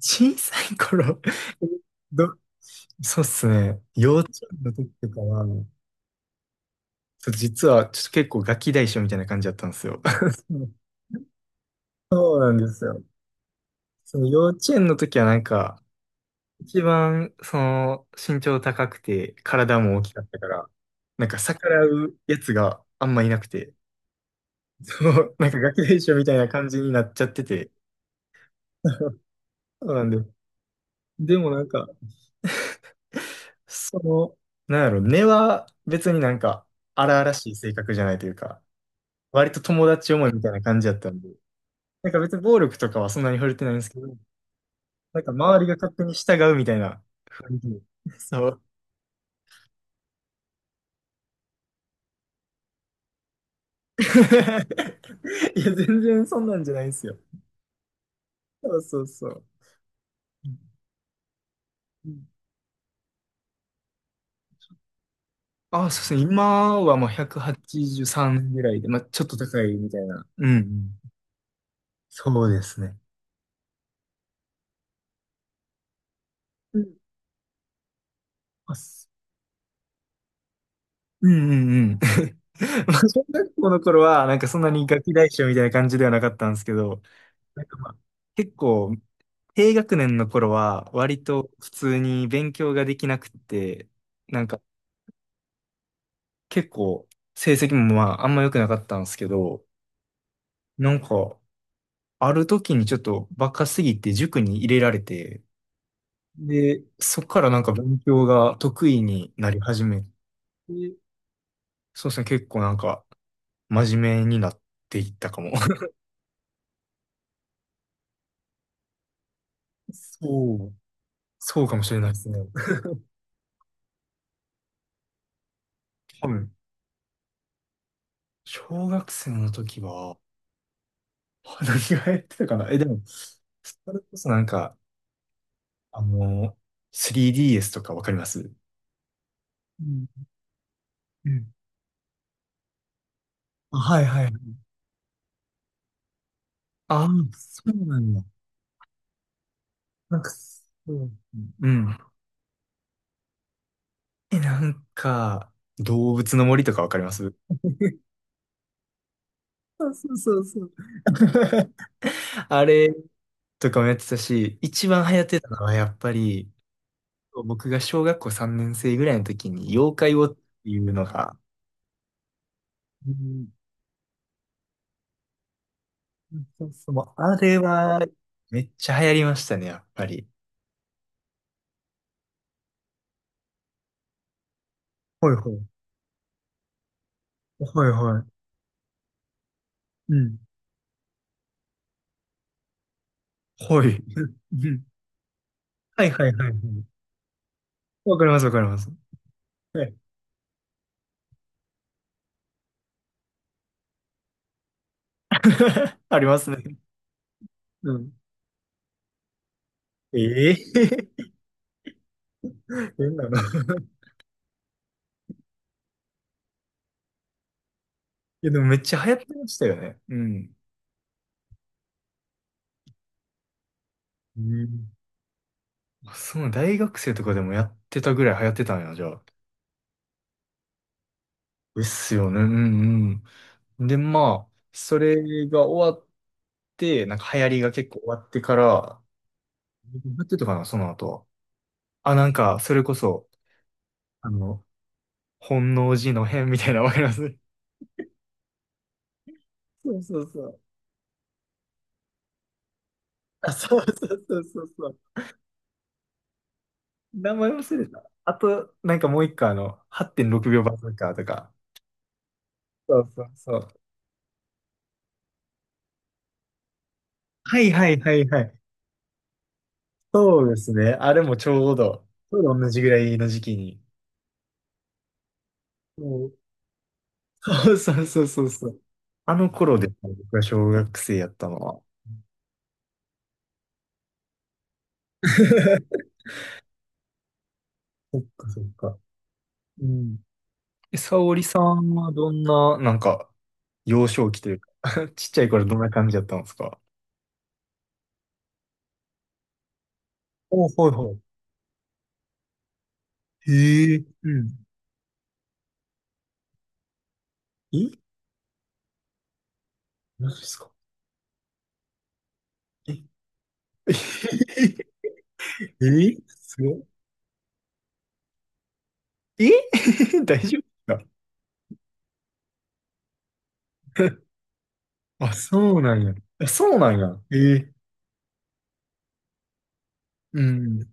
小さい頃ど、そうっすね。幼稚園の時とかは、ちょっと実はちょっと結構ガキ大将みたいな感じだったんですよ。そうなんですよ。その幼稚園の時は一番その身長高くて体も大きかったから、なんか逆らうやつがあんまいなくて、そう、なんかガキ大将みたいな感じになっちゃってて、そうなんです。でもなんか、その、なんやろ、根は別になんか荒々しい性格じゃないというか、割と友達思いみたいな感じだったんで、なんか別に暴力とかはそんなに触れてないんですけど、なんか周りが勝手に従うみたいな雰囲気で。そう。いや、全然そんなんじゃないんですよ。そうそうそう。うん、あ、そうですね。今はまあ183ぐらいで、まあちょっと高いみたいな。うんうん。そうですね。うん。あすうんうんうん。まあ小学校の頃は、なんかそんなにガキ大将みたいな感じではなかったんですけど、なんかまあ、結構、低学年の頃は、割と普通に勉強ができなくって、なんか結構、成績もまあ、あんま良くなかったんですけど、なんか、ある時にちょっとバカすぎて塾に入れられて、で、そっからなんか勉強が得意になり始めて、そうですね、結構なんか、真面目になっていったかも。そう、そうかもしれないですね。はい。小学生の時は、何がやってたかなでも、それこそなんか、あの、3DS とかわかります？うんうん、あ、はいはい。ああ、そうなんだ。なんか、そう。うん。え、なんか、動物の森とかわかります？ そうそうそうそう。あれとかもやってたし、一番流行ってたのはやっぱり、僕が小学校3年生ぐらいの時に妖怪ウォッチっていうのが、そうそう、もうあれは、めっちゃ流行りましたね、やっぱり。ほいほい。ほいほい。うん。ほい。うんうん、はいはいはいはい。わかります、わかります。はい。ありますね。うん。ええ、変なの。いや、でもめっちゃ流行ってましたよね。うん。うん。あそう、大学生とかでもやってたぐらい流行ってたんや、じゃあ。ですよね。うんうん。で、まあ、それが終わって、なんか流行りが結構終わってから、なってたかな、その後。あ、なんか、それこそ、あの、本能寺の変みたいな、わかります？そうそうそう。あ、そうそうそうそうそう。名前忘れた。あと、なんかもう一個、あの、8.6秒バズーカーとか。そうそうそう。はいはいはいはい。そうですね。あれもちょうど、同じぐらいの時期に。もうそうそうそうそうそう。あの頃で、僕が小学生やったのは。そっかそっか。うん。え、沙織さんはどんな、なんか、幼少期というか ちっちゃい頃どんな感じだったんですか？お、はいはい。へえ、うん。え、マジですか？え え、すごい。え 大丈夫ですか？ あ、そうなんや。あ、そうなんや。ええ、うん。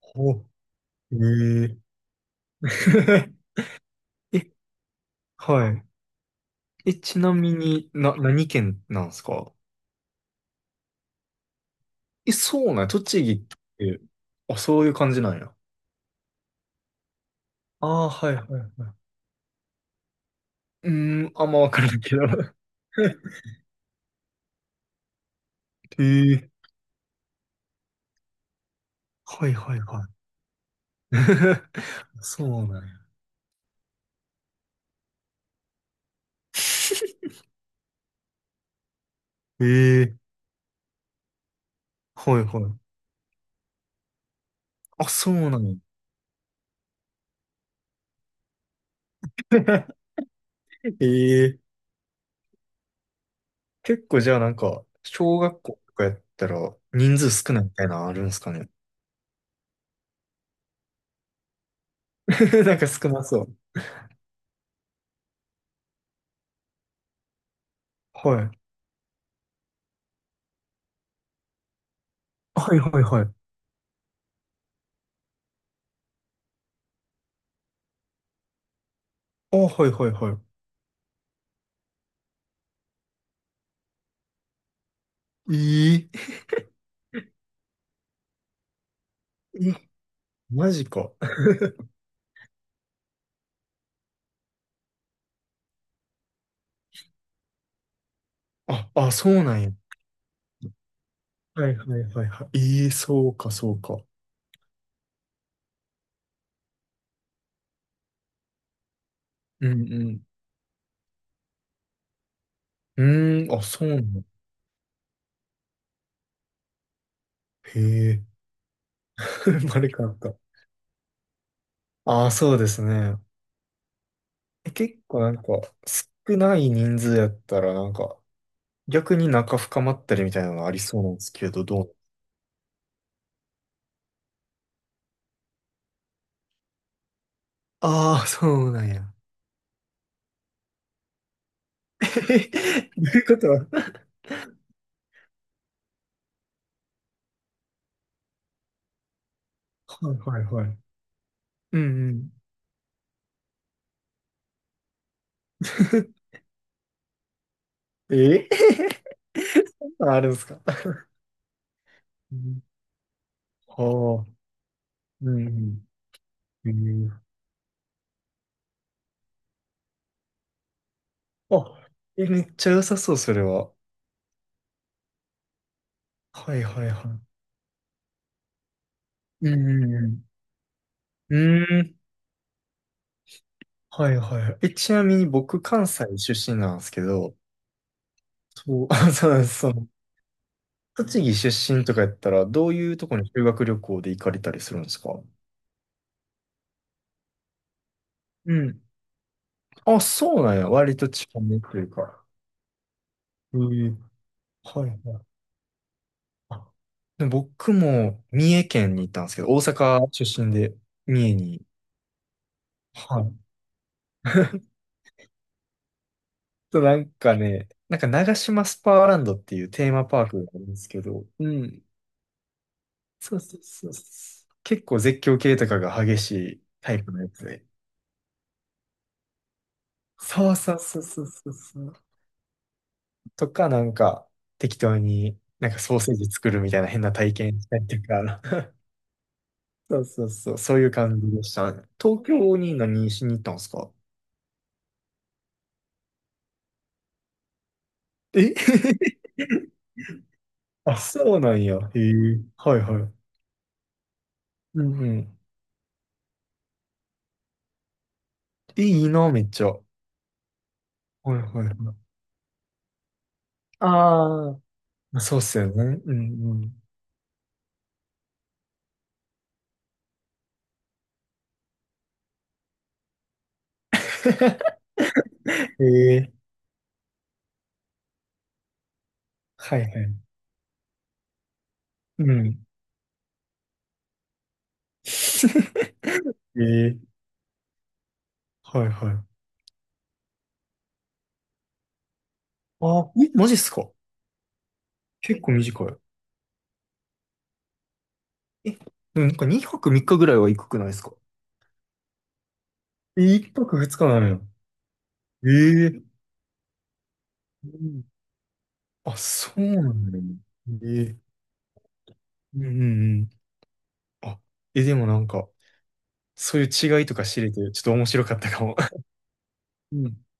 ほ、ええ え、はい。え、ちなみに、な、何県なんですか？え、そうなんや。栃木って、あ、そういう感じなんや。ああ、はいはいはい。うーん、あんまわからないけど。ええ、はいはいはい。そうなんや。ええ、はいはい。あ、そうなんや。ええ、結構じゃあなんか、小学校とかやったら人数少ないみたいなのあるんすかね。なんか少なそう。はい。はいはいはい。あ、はいはいはい。え、ええ、マジか。あ、あ、そうなんや。はいはいはいはい。ええ、そうかそうか。うんうん。うーん、あ、そうなんや。へえ、れかった。ああ、そうですね。え、結構なんか、少ない人数やったらなんか、逆に仲深まったりみたいなのありそうなんですけど、どう？ああ、そうなんや。へ、どういうこと？はいはいはい。うんうん。え そんなんあるんですか？うん、はあ、うんうん。うん、あ、え、めっちゃ良さそう、それは。はいはいはい。うんうんうん。うん、はいはい、え、ちなみに僕、関西出身なんですけど、そう、あそうなんです。その、栃木出身とかやったら、どういうとこに修学旅行で行かれたりするんですか？うん。あ、そうなんや。割と近めというか。えー、はいはい。あ、で僕も三重県に行ったんですけど、大阪出身で三重に。はい。と、なんかね、なんか長島スパーランドっていうテーマパークがあるんですけど、うん。そうそうそうそう。結構絶叫系とかが激しいタイプのやつで。そうそうそうそうそうそう。とか、なんか、適当になんかソーセージ作るみたいな変な体験したりとか。そうそうそう。そういう感じでしたね。東京に何しに行ったんですか？え あ、そうなんや。へえ。はいはい。うんうん。え、いいな、めっちゃ。はいはいはい。ああ。そうっすよね。うんうん。へえ。はいはい。うん。ええ、はいはい。あ、え、マジっすか？結構短い。え、でもなんか2泊3日ぐらいは行くくないですか？え、一泊二日なのよ。ええ、うん、あ、そうなんだね。ええ、うんうんうん。あ、え、でもなんか、そういう違いとか知れて、ちょっと面白かったかも。